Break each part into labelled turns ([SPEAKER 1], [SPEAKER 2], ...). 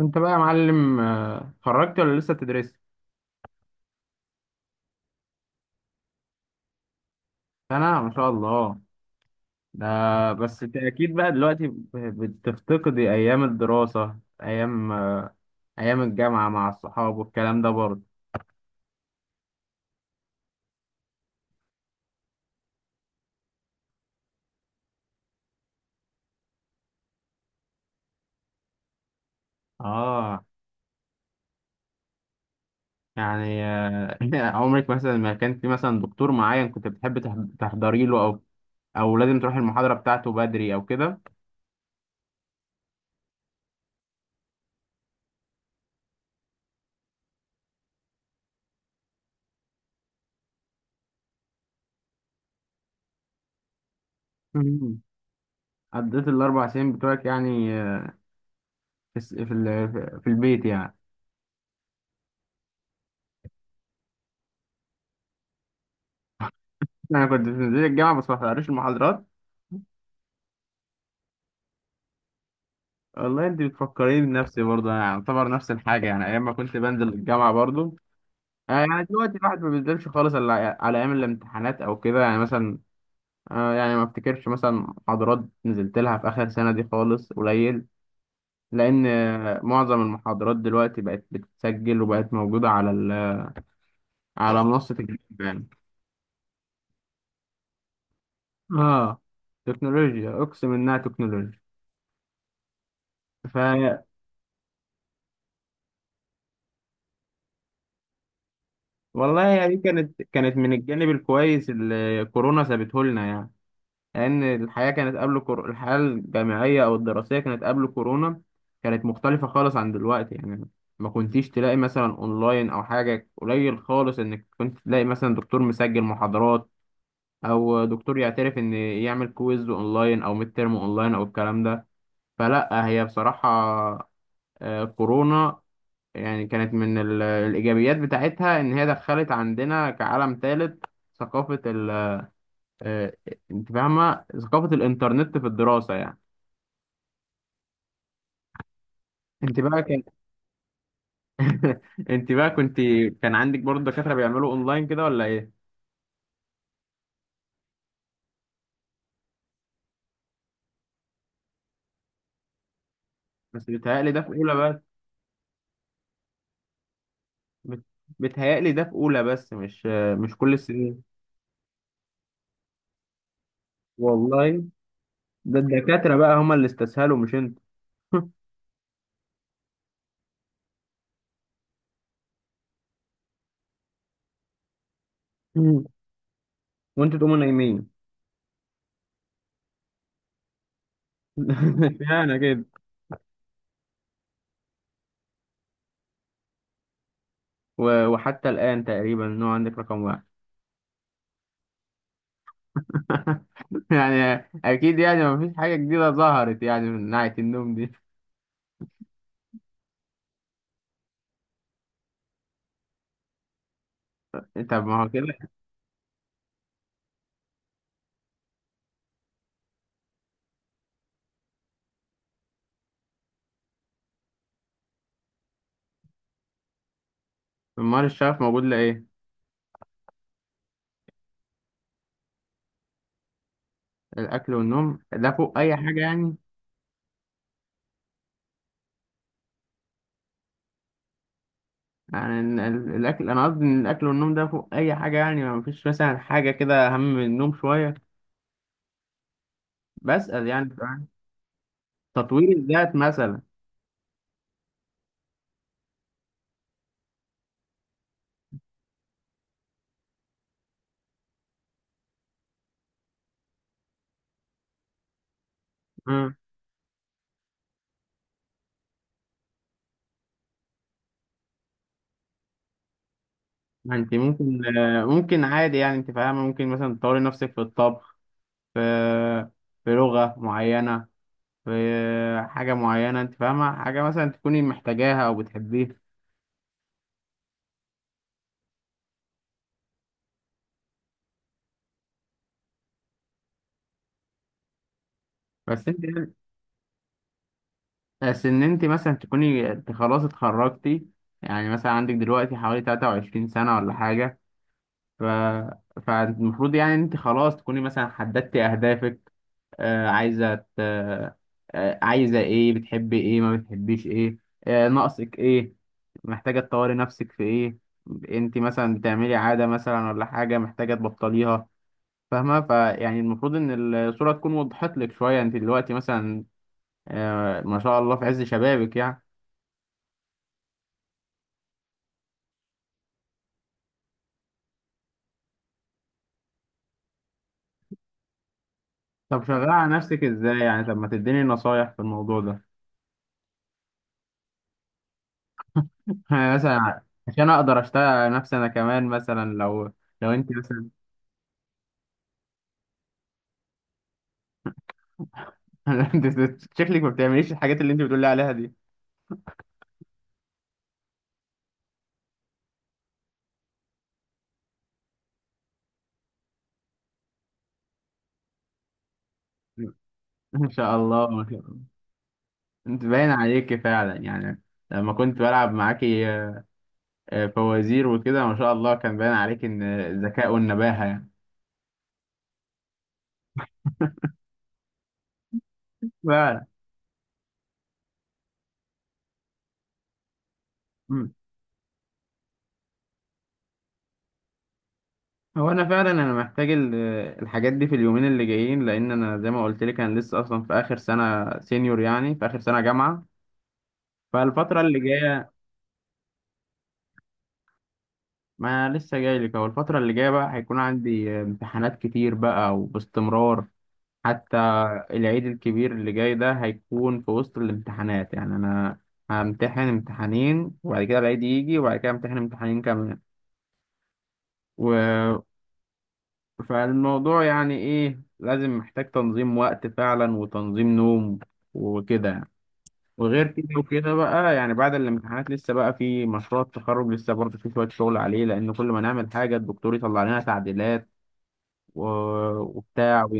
[SPEAKER 1] انت بقى يا معلم، اتخرجت ولا لسه بتدرس؟ انا ما شاء الله ده. بس انت اكيد بقى دلوقتي بتفتقدي ايام الدراسة، ايام ايام الجامعة مع الصحاب والكلام ده برضه. اه يعني عمرك مثلا ما كان في مثلا دكتور معين كنت بتحب تحضري له، او لازم تروح المحاضرة بتاعته بدري او كده؟ مم. قضيت ال 4 سنين بتوعك يعني في الس- في ال- في البيت يعني؟ انا كنت بنزل الجامعة، بس ما بحضرش المحاضرات. والله انت بتفكريني بنفسي برضه، انا اعتبر نفس الحاجه يعني، ايام ما كنت بنزل الجامعه برضه. يعني دلوقتي الواحد ما بينزلش خالص الا على ايام الامتحانات او كده يعني مثلا، يعني ما افتكرش مثلا محاضرات نزلت لها في اخر سنه دي خالص، قليل. لان معظم المحاضرات دلوقتي بقت بتتسجل وبقت موجوده على منصه الجامعه يعني. اه، تكنولوجيا، اقسم انها تكنولوجيا. ف والله يعني دي كانت من الجانب الكويس اللي كورونا سابته لنا يعني. لأن الحياة الجامعية أو الدراسية كانت قبل كورونا، كانت مختلفة خالص عن دلوقتي يعني. ما كنتيش تلاقي مثلا أونلاين أو حاجة، قليل خالص إنك كنت تلاقي مثلا دكتور مسجل محاضرات، أو دكتور يعترف إن يعمل كويز أونلاين أو ميد تيرم أونلاين أو الكلام ده. فلا هي بصراحة كورونا يعني كانت من الإيجابيات بتاعتها إن هي دخلت عندنا كعالم ثالث، ثقافة ال آه، أنت فاهمة ثقافة الإنترنت في الدراسة يعني. انت بقى كان انت بقى كنت كان عندك برضه دكاترة بيعملوا اونلاين كده ولا ايه؟ بس بيتهيألي ده في اولى بس. بت- بيتهيألي ده في اولى بس، مش كل السنين. والله ده الدكاترة بقى هما اللي استسهلوا مش انت. مم. وانتوا تقوموا نايمين. اشمعنى كده؟ وحتى الآن تقريبا ان هو عندك رقم واحد. يعني اكيد، يعني مفيش حاجة جديدة ظهرت يعني من ناحية النوم دي. طب ما هو كده. امال الشغف موجود لإيه؟ الاكل والنوم ده فوق اي حاجة يعني؟ يعني الاكل، انا قصدي ان الاكل والنوم ده فوق اي حاجه يعني، ما فيش مثلا حاجه كده اهم من النوم شويه؟ بسأل يعني، فاهم؟ تطوير الذات مثلا. امم. انت ممكن ممكن عادي يعني، انت فاهمه؟ ممكن مثلا تطوري نفسك في الطبخ، في في لغه معينه، في حاجه معينه، انت فاهمه؟ حاجه مثلا تكوني محتاجاها او بتحبيها. بس انت يعني، بس ان انت مثلا تكوني، انت خلاص اتخرجتي. يعني مثلا عندك دلوقتي حوالي 23 سنه ولا حاجه، ف... فالمفروض يعني انت خلاص تكوني مثلا حددتي اهدافك. آه عايزه ت... آه عايزه ايه؟ بتحبي ايه، ما بتحبيش ايه؟ ناقصك ايه؟ محتاجه تطوري نفسك في ايه؟ انت مثلا بتعملي عاده مثلا ولا حاجه محتاجه تبطليها؟ فاهمه؟ فيعني المفروض ان الصوره تكون وضحت لك شويه، انت دلوقتي مثلا ما شاء الله في عز شبابك يعني. طب شغاله على نفسك ازاي يعني؟ طب ما تديني نصايح في الموضوع ده، يعني مثلا عشان اقدر اشتغل نفسي انا كمان، مثلا لو انت مثلا. انت شكلك ما بتعمليش الحاجات اللي انت بتقولي عليها دي. ان شاء الله، ما شاء الله. انت باين عليكي فعلا يعني. لما كنت بلعب معاكي فوازير وكده، ما شاء الله كان باين عليكي ان الذكاء والنباهة يعني. فعلا. مم. هو انا فعلا انا محتاج الحاجات دي في اليومين اللي جايين، لان انا زي ما قلت لك، انا لسه اصلا في اخر سنة سينيور يعني، في اخر سنة جامعة، فالفترة اللي جاية... ما لسه جاي لك، هو الفترة اللي جاية بقى هيكون عندي امتحانات كتير بقى وباستمرار. حتى العيد الكبير اللي جاي ده هيكون في وسط الامتحانات، يعني أنا همتحن امتحانين، وبعد كده العيد يجي، وبعد كده امتحن امتحانين كمان، و... فالموضوع يعني إيه، لازم محتاج تنظيم وقت فعلا وتنظيم نوم وكده يعني. وغير كده وكده بقى، يعني بعد الامتحانات لسه بقى في مشروع التخرج، لسه برضه في شوية شغل عليه، لأن كل ما نعمل حاجة الدكتور يطلع لنا تعديلات و... وبتاع و...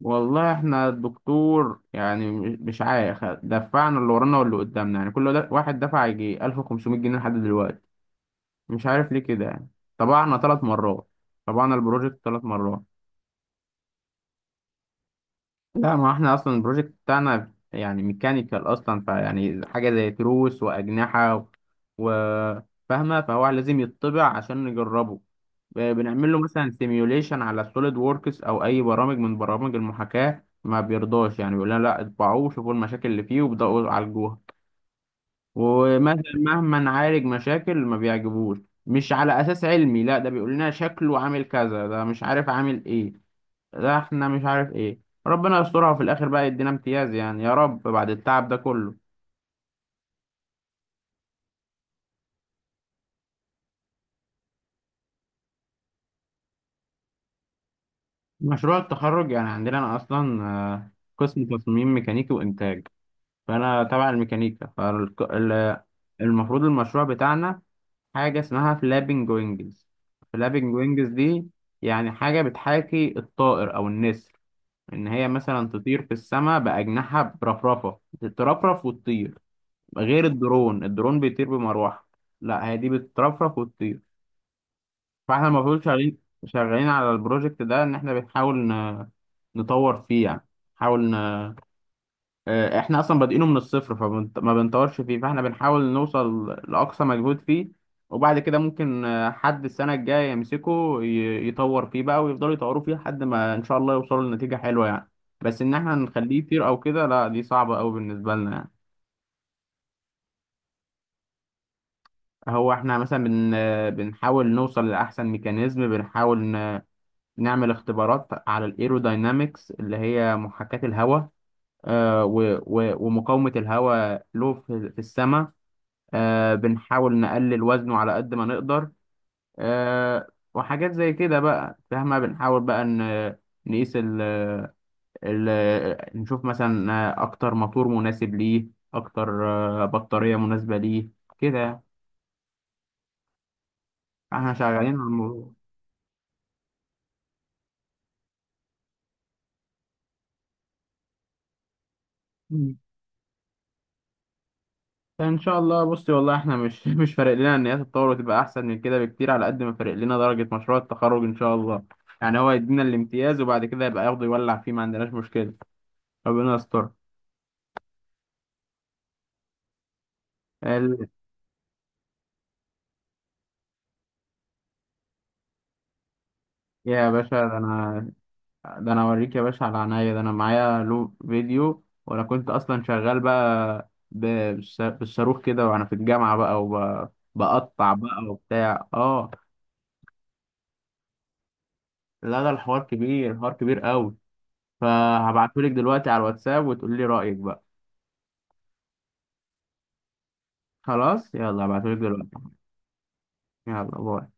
[SPEAKER 1] والله احنا الدكتور يعني مش عارف دفعنا اللي ورانا واللي قدامنا يعني، واحد دفع يجي 1500 جنيه لحد دلوقتي، مش عارف ليه كده يعني. طبعنا 3 مرات، طبعنا البروجكت 3 مرات. لا، ما احنا اصلا البروجكت بتاعنا يعني ميكانيكال اصلا، فيعني حاجه زي تروس واجنحه و- فاهمه؟ فهو لازم يطبع عشان نجربه. بنعمل له مثلا سيميوليشن على سوليد ووركس او اي برامج من برامج المحاكاه، ما بيرضاش يعني، بيقول لنا لا اطبعوه، شوفوا المشاكل اللي فيه وابداوا عالجوها. ومثلا مهما نعالج مشاكل ما بيعجبوش، مش على اساس علمي، لا ده بيقول لنا شكله عامل كذا، ده مش عارف عامل ايه، ده احنا مش عارف ايه. ربنا يسترها، وفي الاخر بقى يدينا امتياز يعني، يا رب بعد التعب ده كله. مشروع التخرج يعني عندنا، انا اصلا قسم تصميم ميكانيكي وانتاج، فانا تبع الميكانيكا، فالمفروض المشروع بتاعنا حاجه اسمها فلابنج وينجز. فلابنج وينجز دي يعني حاجه بتحاكي الطائر او النسر، ان هي مثلا تطير في السماء باجنحه برفرفه، تترفرف وتطير. غير الدرون، الدرون بيطير بمروحه. لا هي دي بتترفرف وتطير. فاحنا المفروض شغالين على البروجكت ده، ان احنا بنحاول نطور فيه يعني. نحاول آه، احنا اصلا بادئينه من الصفر، فما بنطورش فيه، فاحنا بنحاول نوصل لاقصى مجهود فيه. وبعد كده ممكن حد السنه الجايه يمسكه يطور فيه بقى، ويفضلوا يطوروا فيه لحد ما ان شاء الله يوصلوا لنتيجه حلوه يعني. بس ان احنا نخليه يطير او كده لا، دي صعبه قوي بالنسبه لنا يعني. هو احنا مثلا بن آه، بنحاول نوصل لاحسن ميكانيزم، بنحاول نعمل اختبارات على الايروداينامكس اللي هي محاكاه الهواء، ومقاومه الهواء له في السماء. بنحاول نقلل وزنه على قد ما نقدر، آه وحاجات زي كده بقى، فاهمة؟ بنحاول بقى ن- نقيس ال ال نشوف مثلا أكتر موتور مناسب ليه، أكتر بطارية مناسبة ليه، كده يعني. احنا شغالين على الموضوع. مم. فإن شاء الله. بصي والله احنا مش مش فارق لنا إن هي تتطور وتبقى أحسن من كده بكتير، على قد ما فارق لنا درجة مشروع التخرج إن شاء الله. يعني هو يدينا الامتياز، وبعد كده يبقى ياخده يولع فيه، ما عندناش مشكلة. ربنا يستر. يا باشا، ده انا اوريك يا باشا على عينيا، ده انا معايا له فيديو، وانا كنت اصلا شغال بقى بالصاروخ كده وانا في الجامعه بقى، وبقطع بقى وبتاع، اه. لا ده الحوار كبير، الحوار كبير قوي. فهبعتهولك دلوقتي على الواتساب وتقولي رايك بقى. خلاص، يلا هبعتهولك دلوقتي. يلا، باي.